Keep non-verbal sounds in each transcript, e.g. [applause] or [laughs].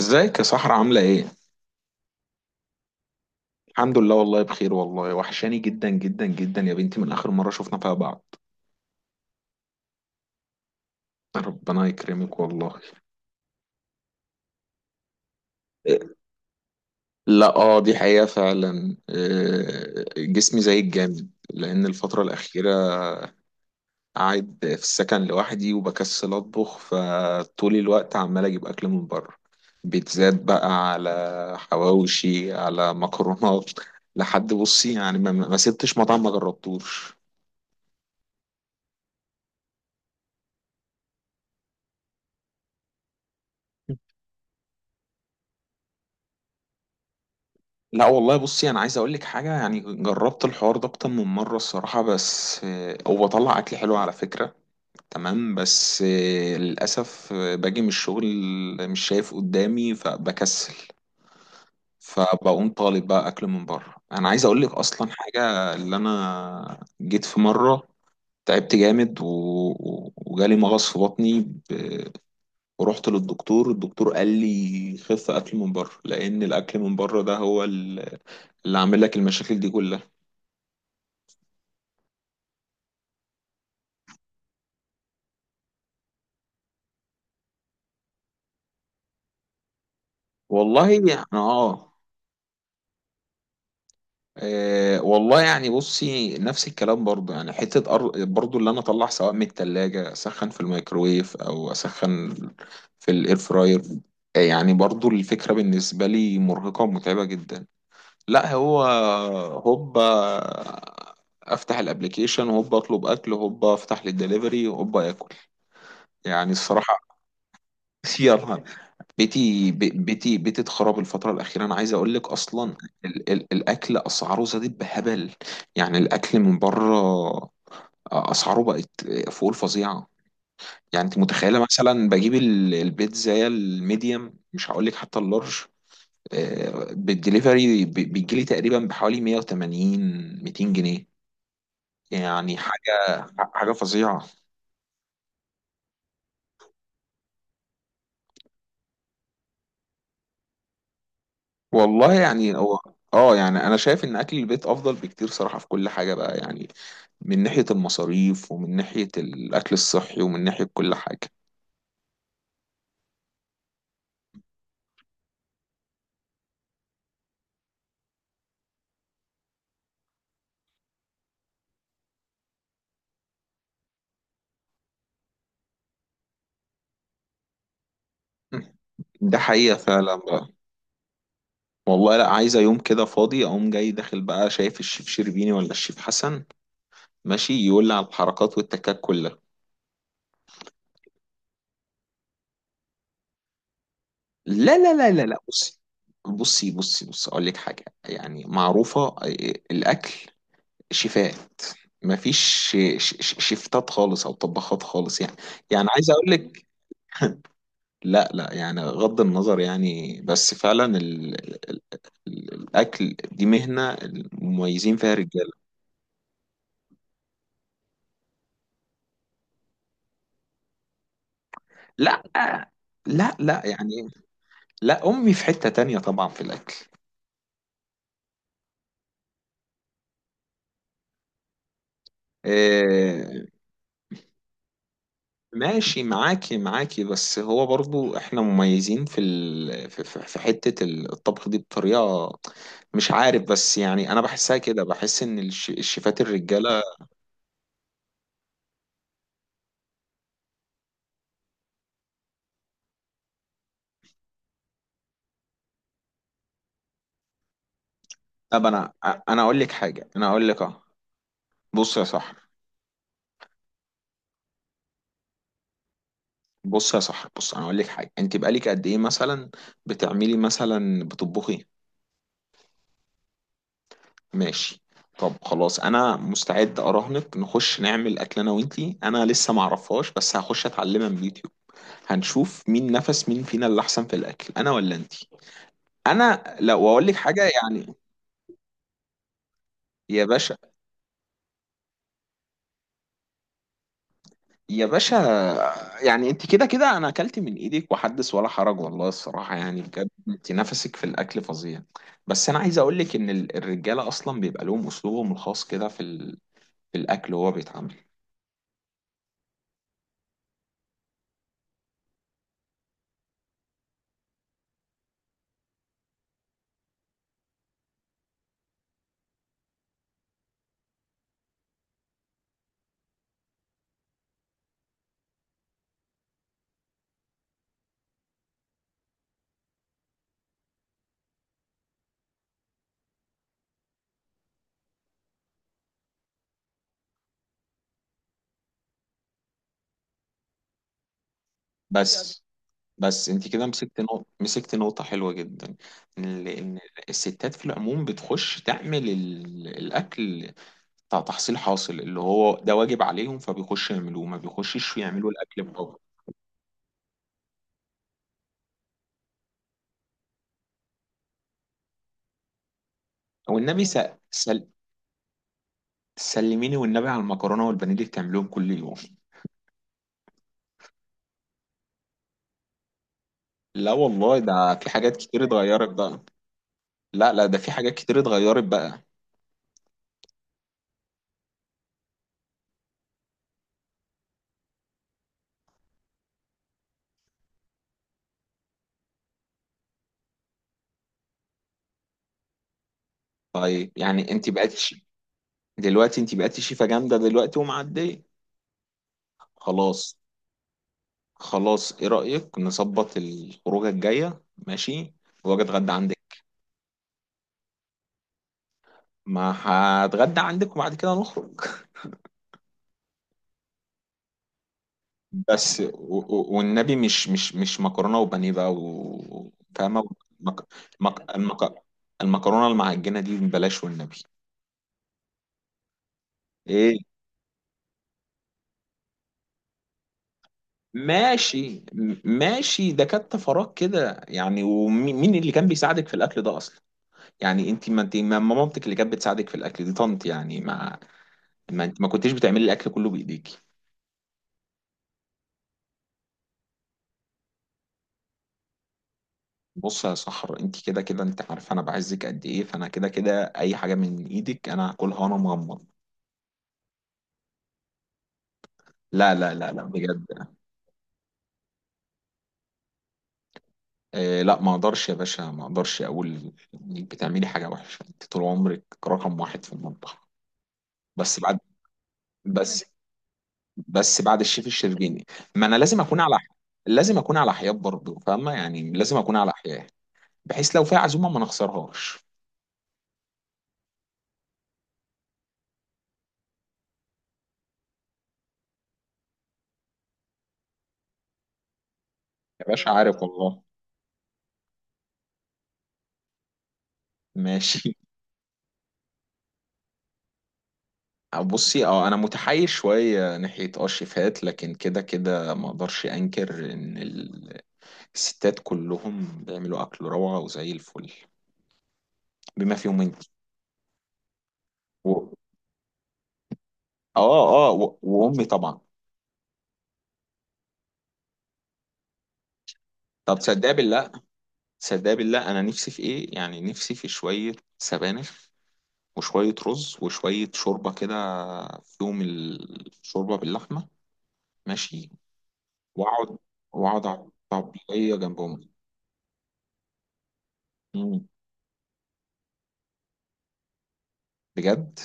ازيك يا صحرا عاملة ايه؟ الحمد لله والله بخير والله وحشاني جدا جدا جدا يا بنتي من آخر مرة شفنا فيها بعض. ربنا يكرمك والله. إيه، لا دي حقيقة فعلا، إيه، جسمي زي الجامد لأن الفترة الأخيرة قاعد في السكن لوحدي وبكسل أطبخ، فطول الوقت عمال أجيب أكل من بره، بيتزات بقى، على حواوشي، على مكرونات، لحد بصي يعني ما سبتش مطعم ما جربتوش. لا والله بصي انا عايز اقول لك حاجه، يعني جربت الحوار ده اكتر من مره الصراحه، بس هو طلع اكل حلو على فكره. تمام، بس للاسف باجي من الشغل مش شايف قدامي فبكسل، فبقوم طالب بقى اكل من بره. انا عايز اقول لك اصلا حاجه، اللي انا جيت في مره تعبت جامد وجالي مغص في بطني ب... ورحت للدكتور. الدكتور قال لي خف اكل من بره، لان الاكل من بره ده هو اللي عامل لك المشاكل دي كلها. والله يعني اه. والله يعني بصي، نفس الكلام برضه، يعني حتة برضه اللي أنا أطلع سواء من التلاجة أسخن في الميكروويف أو أسخن في الإير فراير. يعني برضه الفكرة بالنسبة لي مرهقة ومتعبة جدا. لا هو هوبا أفتح الأبليكيشن، هوبا أطلب أكل، هوبا أفتح للدليفري، هوبا آكل. يعني الصراحة. [laughs] يلا. بيتي بيتي اتخرب الفترة الأخيرة، أنا عايز أقول لك أصلا، ال ال الأكل أسعاره زادت بهبل. يعني الأكل من بره أسعاره بقت فوق الفظيعة. يعني أنت متخيلة مثلا بجيب البيتزا الميديم، مش هقول لك حتى اللارج، بالدليفري بيجيلي تقريبا بحوالي 180 200 جنيه. يعني حاجة، حاجة فظيعة. والله يعني هو اه، يعني انا شايف ان اكل البيت افضل بكتير صراحة في كل حاجة بقى، يعني من ناحية المصاريف ومن ناحية الأكل الصحي ومن ناحية كل حاجة. ده حقيقة فعلا بقى. والله لا، عايزة يوم كده فاضي أقوم جاي داخل بقى شايف الشيف شربيني ولا الشيف حسن ماشي يقول لي على الحركات والتكات كلها. لا لا لا لا لا. بصي أقول لك حاجة يعني معروفة، الأكل، شيفات، مفيش ش- شيفتات خالص أو طباخات خالص يعني. يعني عايز أقول لك. [laughs] لا لا، يعني غض النظر يعني، بس فعلا ال... الأكل دي مهنة المميزين فيها رجالة. لا لا لا يعني، لا أمي في حتة تانية طبعا في الأكل. آه، ماشي معاكي، معاكي، بس هو برضو احنا مميزين في ال... في في- في حتة الطبخ دي بطريقة مش عارف، بس يعني انا بحسها كده، بحس ان الشيفات الرجالة. طب انا اقول لك حاجة، انا اقول لك اه. بص يا صاحبي بص يا صاحبي، بص، انا اقول لك حاجه، انت بقالك قد ايه مثلا بتعملي، مثلا بتطبخي؟ ماشي. طب خلاص، انا مستعد اراهنك نخش نعمل اكل انا وانتي، انا لسه ما اعرفهاش بس هخش اتعلمها من اليوتيوب، هنشوف مين فينا اللي احسن في الاكل، انا ولا انتي. انا لو اقول لك حاجه يعني. يا باشا، يا باشا، يعني انت كده كده انا اكلت من ايدك وحدث ولا حرج، والله الصراحه يعني بجد انت نفسك في الاكل فظيع. بس انا عايز اقول لك ان الرجاله اصلا بيبقى لهم اسلوبهم الخاص كده في الاكل وهو بيتعامل. بس بس انت كده مسكت نقطه حلوه جدا، ان لان الستات في العموم بتخش تعمل الاكل بتاع تحصيل حاصل اللي هو ده واجب عليهم، فبيخشوا يعملوه، ما بيخشش يعملوا الاكل بره. والنبي سأل، سلميني والنبي على المكرونه والبانيه اللي بتعمليهم كل يوم. لا والله ده في حاجات كتير اتغيرت بقى، لا لا ده في حاجات كتير اتغيرت بقى. طيب يعني انت بقيتي دلوقتي، انت بقيتي شيفه جامده دلوقتي ومعديه. خلاص، خلاص، ايه رايك نظبط الخروجه الجايه؟ ماشي، واجي اتغدى عندك، ما هتغدى عندك وبعد كده نخرج. بس والنبي مش مكرونه وبانيه بقى، فاهمه؟ مك- مك- المك- المكرونه المعجنه دي بلاش والنبي. ايه؟ ماشي، ماشي، ده كانت فراغ كده يعني. ومين اللي كان بيساعدك في الاكل ده اصلا؟ يعني انت، ما مامتك اللي كانت بتساعدك في الاكل دي طنط يعني، ما ما انت ما كنتيش بتعملي الاكل كله بايديكي. بص يا صحر، انت كده كده انت عارفه انا بعزك قد ايه، فانا كده كده اي حاجه من ايدك انا هاكلها وانا مغمض. لا لا لا لا، بجد. إيه، لا ما اقدرش يا باشا، ما اقدرش اقول انك بتعملي حاجه وحشه، انت طول عمرك رقم واحد في المطبخ. بس بعد بس بس بعد الشيف الشربيني، ما انا لازم اكون على لازم اكون على حياد برضه، فاهمه؟ يعني لازم اكون على حياد بحيث لو في عزومه ما نخسرهاش. يا باشا عارف والله. ماشي. [laughs] بصي، اه انا متحيز شويه ناحيه اه الشيفات، لكن كده كده ما اقدرش انكر ان الستات كلهم بيعملوا اكل روعه وزي الفل، بما فيهم انت و... اه اه و... وامي طبعا. طب تصدق بالله، تصدق بالله انا نفسي في ايه يعني، نفسي في شويه سبانخ وشوية رز وشوية شوربة كده فيهم الشوربة باللحمة ماشي، وأقعد وأقعد على الطبلية جنبهم. مم. بجد.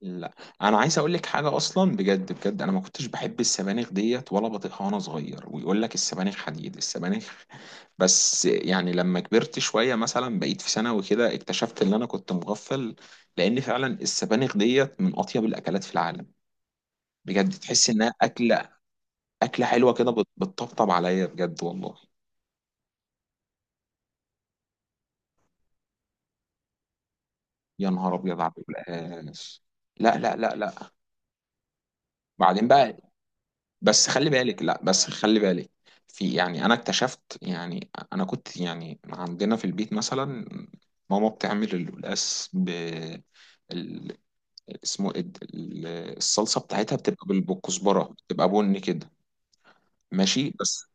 لا، أنا عايز أقول لك حاجة أصلا بجد، أنا ما كنتش بحب السبانخ ديت ولا بطيقها وأنا صغير، ويقول لك السبانخ حديد، السبانخ. [laughs] بس يعني لما كبرت شوية مثلا بقيت في ثانوي كده اكتشفت إن أنا كنت مغفل. لأن فعلا السبانخ ديت من أطيب الأكلات في العالم بجد، تحس إنها أكلة، اكله حلوه كده بتطبطب عليا بجد والله. يا نهار ابيض على القلقاس. لا لا لا لا. بعدين بقى، بس خلي بالك، لا بس خلي بالك، في، يعني انا اكتشفت يعني، انا كنت يعني عندنا في البيت مثلا ماما بتعمل القلقاس ب ال- اسمه إيه د- ال- الصلصه بتاعتها بتبقى بالكزبره، بتبقى بني كده ماشي، بس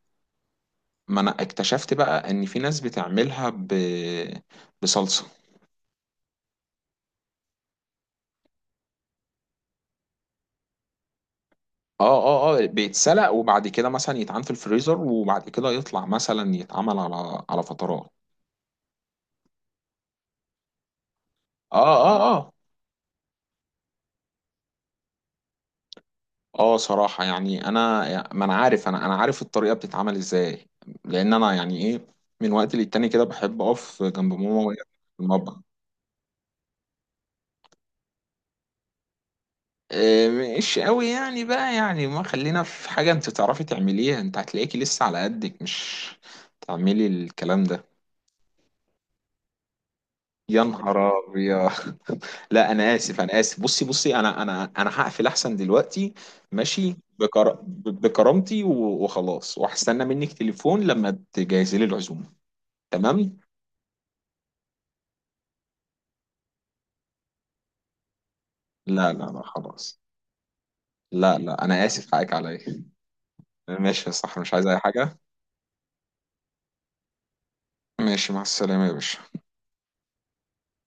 ما انا اكتشفت بقى ان في ناس بتعملها بصلصه. اه اه اه، بيتسلق وبعد كده مثلا يتعان في الفريزر وبعد كده يطلع مثلا يتعمل على فترات. اه اه اه اه، صراحة يعني انا، ما انا عارف انا انا عارف الطريقة بتتعمل ازاي، لان انا يعني ايه، من وقت للتاني كده بحب اقف جنب ماما وهي في المطبخ. إيه، مش قوي يعني بقى يعني، ما خلينا في حاجة انت تعرفي تعمليها، انت هتلاقيكي لسه على قدك مش تعملي الكلام ده. يا نهار ابيض. [laughs] لا انا اسف، انا اسف، بصي بصي انا هقفل احسن دلوقتي، ماشي، بكرامتي وخلاص، وهستنى منك تليفون لما تجهزي لي العزومه. تمام. لا لا لا خلاص، لا لا، انا اسف، حقك عليا. ماشي يا صح، مش عايز اي حاجه. ماشي، مع السلامه يا باشا.